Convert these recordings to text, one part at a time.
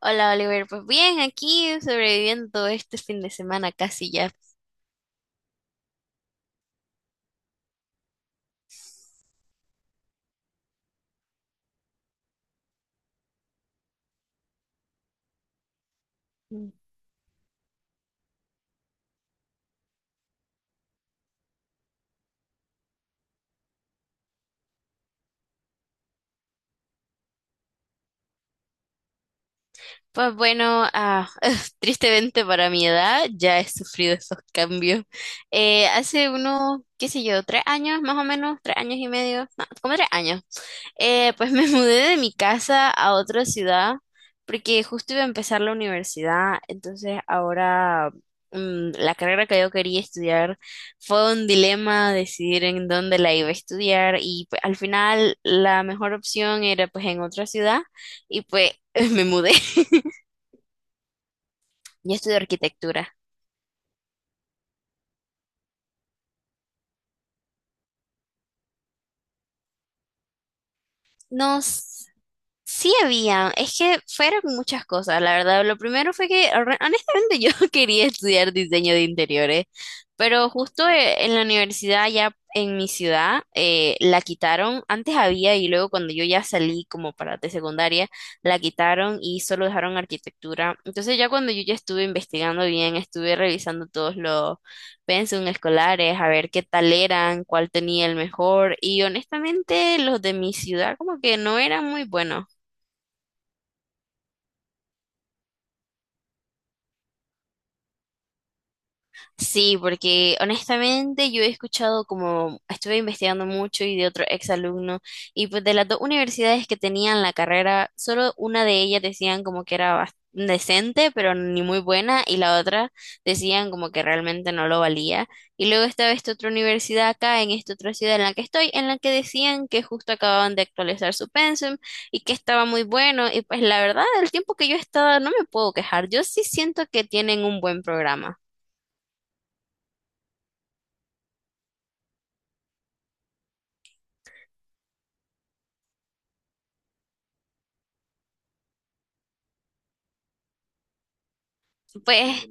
Hola Oliver, pues bien, aquí sobreviviendo este fin de semana casi ya. Pues bueno, tristemente para mi edad ya he sufrido esos cambios. Hace unos, qué sé yo, tres años más o menos, tres años y medio, no, como tres años. Pues me mudé de mi casa a otra ciudad porque justo iba a empezar la universidad, entonces ahora la carrera que yo quería estudiar fue un dilema decidir en dónde la iba a estudiar y pues, al final la mejor opción era pues en otra ciudad y pues me mudé. Yo estudio arquitectura. No. Sí había, es que fueron muchas cosas, la verdad. Lo primero fue que honestamente yo quería estudiar diseño de interiores, pero justo en la universidad allá en mi ciudad la quitaron. Antes había y luego cuando yo ya salí como para de secundaria, la quitaron y solo dejaron arquitectura. Entonces ya cuando yo ya estuve investigando bien, estuve revisando todos los pensum escolares, a ver qué tal eran, cuál tenía el mejor y honestamente los de mi ciudad como que no eran muy buenos. Sí, porque honestamente yo he escuchado como estuve investigando mucho y de otro ex alumno y pues de las dos universidades que tenían la carrera, solo una de ellas decían como que era decente, pero ni muy buena y la otra decían como que realmente no lo valía. Y luego estaba esta otra universidad acá en esta otra ciudad en la que estoy, en la que decían que justo acababan de actualizar su pensum y que estaba muy bueno y pues la verdad, el tiempo que yo he estado no me puedo quejar. Yo sí siento que tienen un buen programa. Pues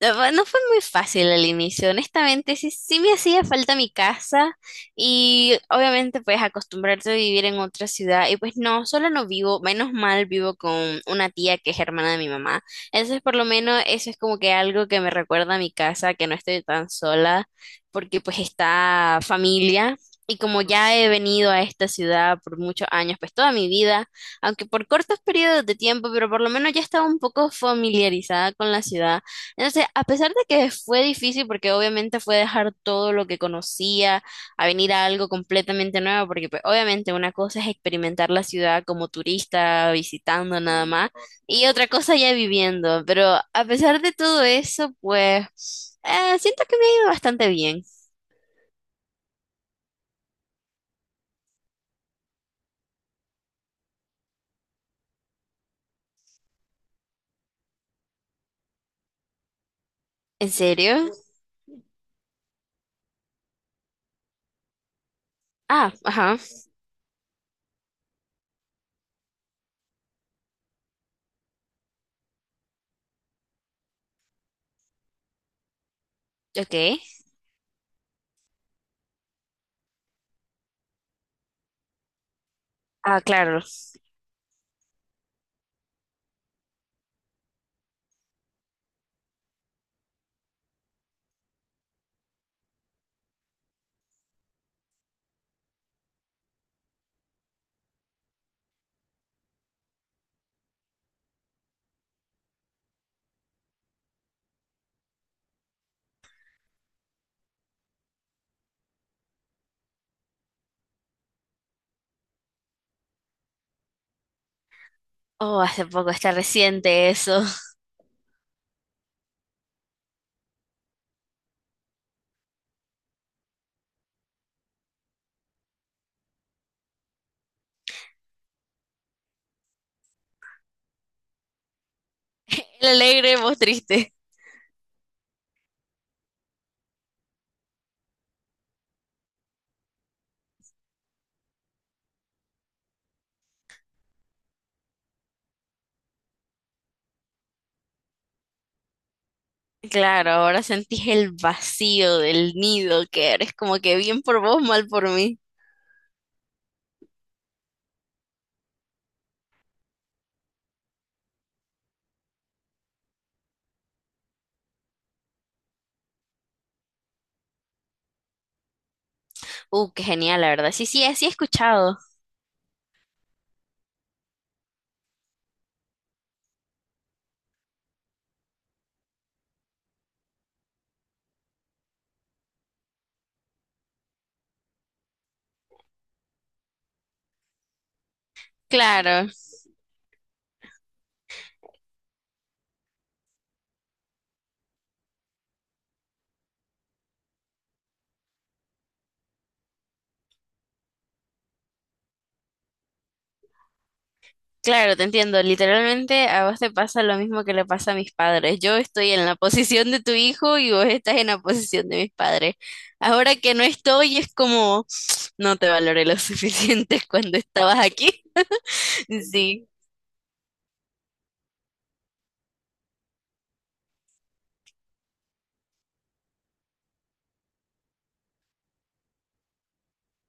no fue muy fácil al inicio, honestamente, sí, sí me hacía falta mi casa y obviamente pues acostumbrarte a vivir en otra ciudad y pues no, solo no vivo, menos mal vivo con una tía que es hermana de mi mamá, entonces por lo menos eso es como que algo que me recuerda a mi casa, que no estoy tan sola porque pues está familia y como ya he venido a esta ciudad por muchos años, pues toda mi vida, aunque por cortos periodos de tiempo, pero por lo menos ya estaba un poco familiarizada con la ciudad. Entonces, a pesar de que fue difícil, porque obviamente fue dejar todo lo que conocía a venir a algo completamente nuevo, porque pues, obviamente una cosa es experimentar la ciudad como turista, visitando nada más, y otra cosa ya viviendo. Pero a pesar de todo eso, pues siento que me ha ido bastante bien. ¿En serio? Ah, ajá, ok. Ah, claro. Oh, hace poco, está reciente eso. El alegre, vos triste. Claro, ahora sentís el vacío del nido, que eres como que bien por vos, mal por mí. Qué genial, la verdad. Sí, sí, así he escuchado. Claro, claro, te entiendo. Literalmente a vos te pasa lo mismo que le pasa a mis padres. Yo estoy en la posición de tu hijo y vos estás en la posición de mis padres. Ahora que no estoy, es como no te valoré lo suficiente cuando estabas aquí. Sí.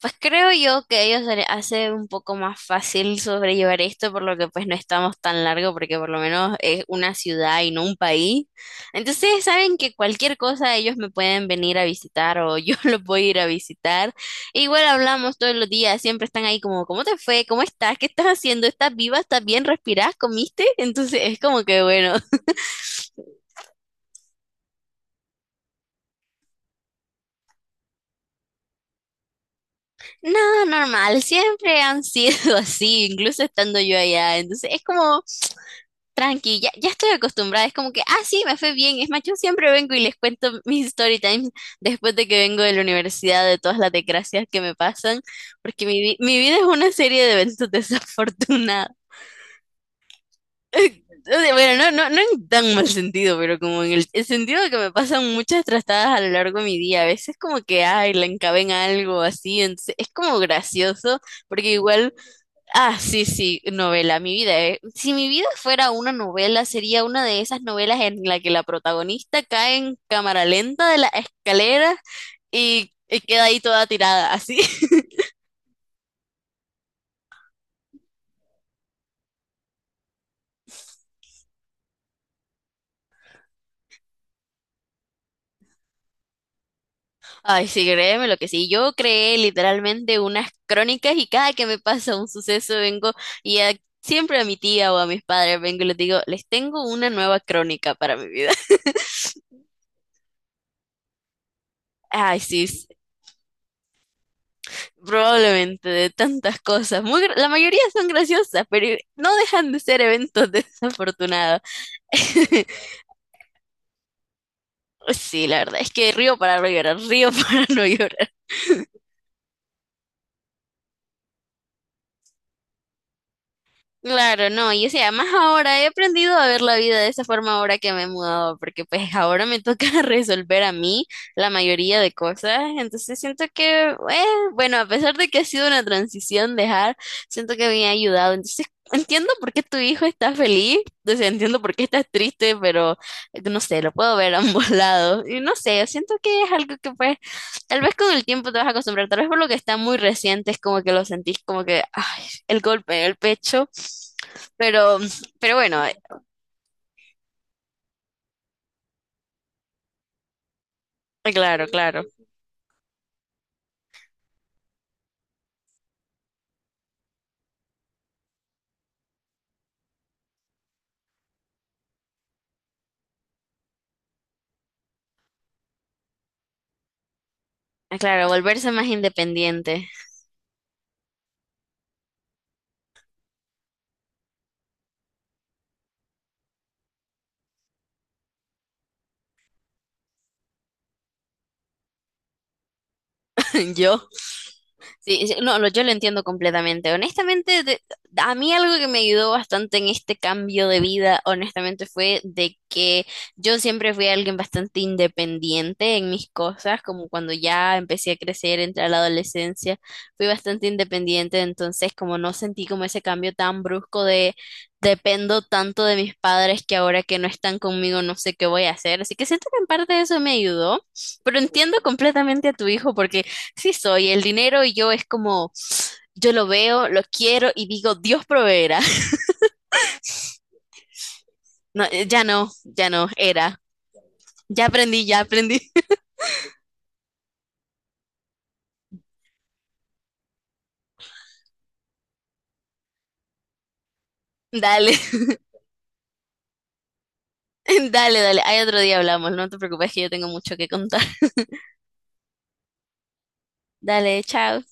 Pues creo yo que a ellos se les hace un poco más fácil sobrellevar esto, por lo que pues no estamos tan largo, porque por lo menos es una ciudad y no un país. Entonces saben que cualquier cosa ellos me pueden venir a visitar o yo los voy a ir a visitar. E igual hablamos todos los días, siempre están ahí como, ¿cómo te fue? ¿Cómo estás? ¿Qué estás haciendo? ¿Estás viva? ¿Estás bien? ¿Respirás? ¿Comiste? Entonces es como que bueno. No, normal, siempre han sido así, incluso estando yo allá. Entonces es como… Tranqui, ya, ya estoy acostumbrada, es como que, ah, sí, me fue bien. Es más, yo siempre vengo y les cuento mis story times después de que vengo de la universidad, de todas las desgracias que me pasan, porque mi vida es una serie de eventos desafortunados. O sea, bueno, no, no, no en tan mal sentido, pero como en el sentido de que me pasan muchas trastadas a lo largo de mi día. A veces como que, ay, la encaben algo así, entonces es como gracioso, porque igual. Ah, sí, sí, novela, mi vida. Si mi vida fuera una novela, sería una de esas novelas en la que la protagonista cae en cámara lenta de la escalera y queda ahí toda tirada, así. Ay, sí, créeme lo que sí. Yo creé literalmente unas crónicas y cada que me pasa un suceso vengo y a- siempre a mi tía o a mis padres vengo y les digo, les tengo una nueva crónica para mi vida. Ay, sí, probablemente de tantas cosas. Muy, la mayoría son graciosas, pero no dejan de ser eventos desafortunados. Sí, la verdad es que río para no llorar, río para no llorar. Claro, no, y o sea, más ahora he aprendido a ver la vida de esa forma ahora que me he mudado, porque pues ahora me toca resolver a mí la mayoría de cosas, entonces siento que, bueno, a pesar de que ha sido una transición dejar, siento que me ha ayudado, entonces entiendo por qué tu hijo está feliz, o sea, entiendo por qué estás triste, pero no sé, lo puedo ver a ambos lados, y no sé, siento que es algo que pues, tal vez con el tiempo te vas a acostumbrar, tal vez por lo que está muy reciente es como que lo sentís como que, ay, el golpe en el pecho. Pero, pero bueno, claro, claro, claro, volverse más independiente. Yo. Sí, sí, no, yo lo entiendo completamente. Honestamente, a mí algo que me ayudó bastante en este cambio de vida, honestamente, fue de que yo siempre fui alguien bastante independiente en mis cosas, como cuando ya empecé a crecer, entré a la adolescencia, fui bastante independiente, entonces como no sentí como ese cambio tan brusco de dependo tanto de mis padres que ahora que no están conmigo no sé qué voy a hacer. Así que siento que en parte eso me ayudó, pero entiendo completamente a tu hijo porque sí soy. El dinero y yo es como, yo lo veo, lo quiero y digo, Dios proveerá. No, ya no, era. Ya aprendí, ya aprendí. Dale, dale, dale. Hay otro día hablamos, no te preocupes que yo tengo mucho que contar. Dale, chao.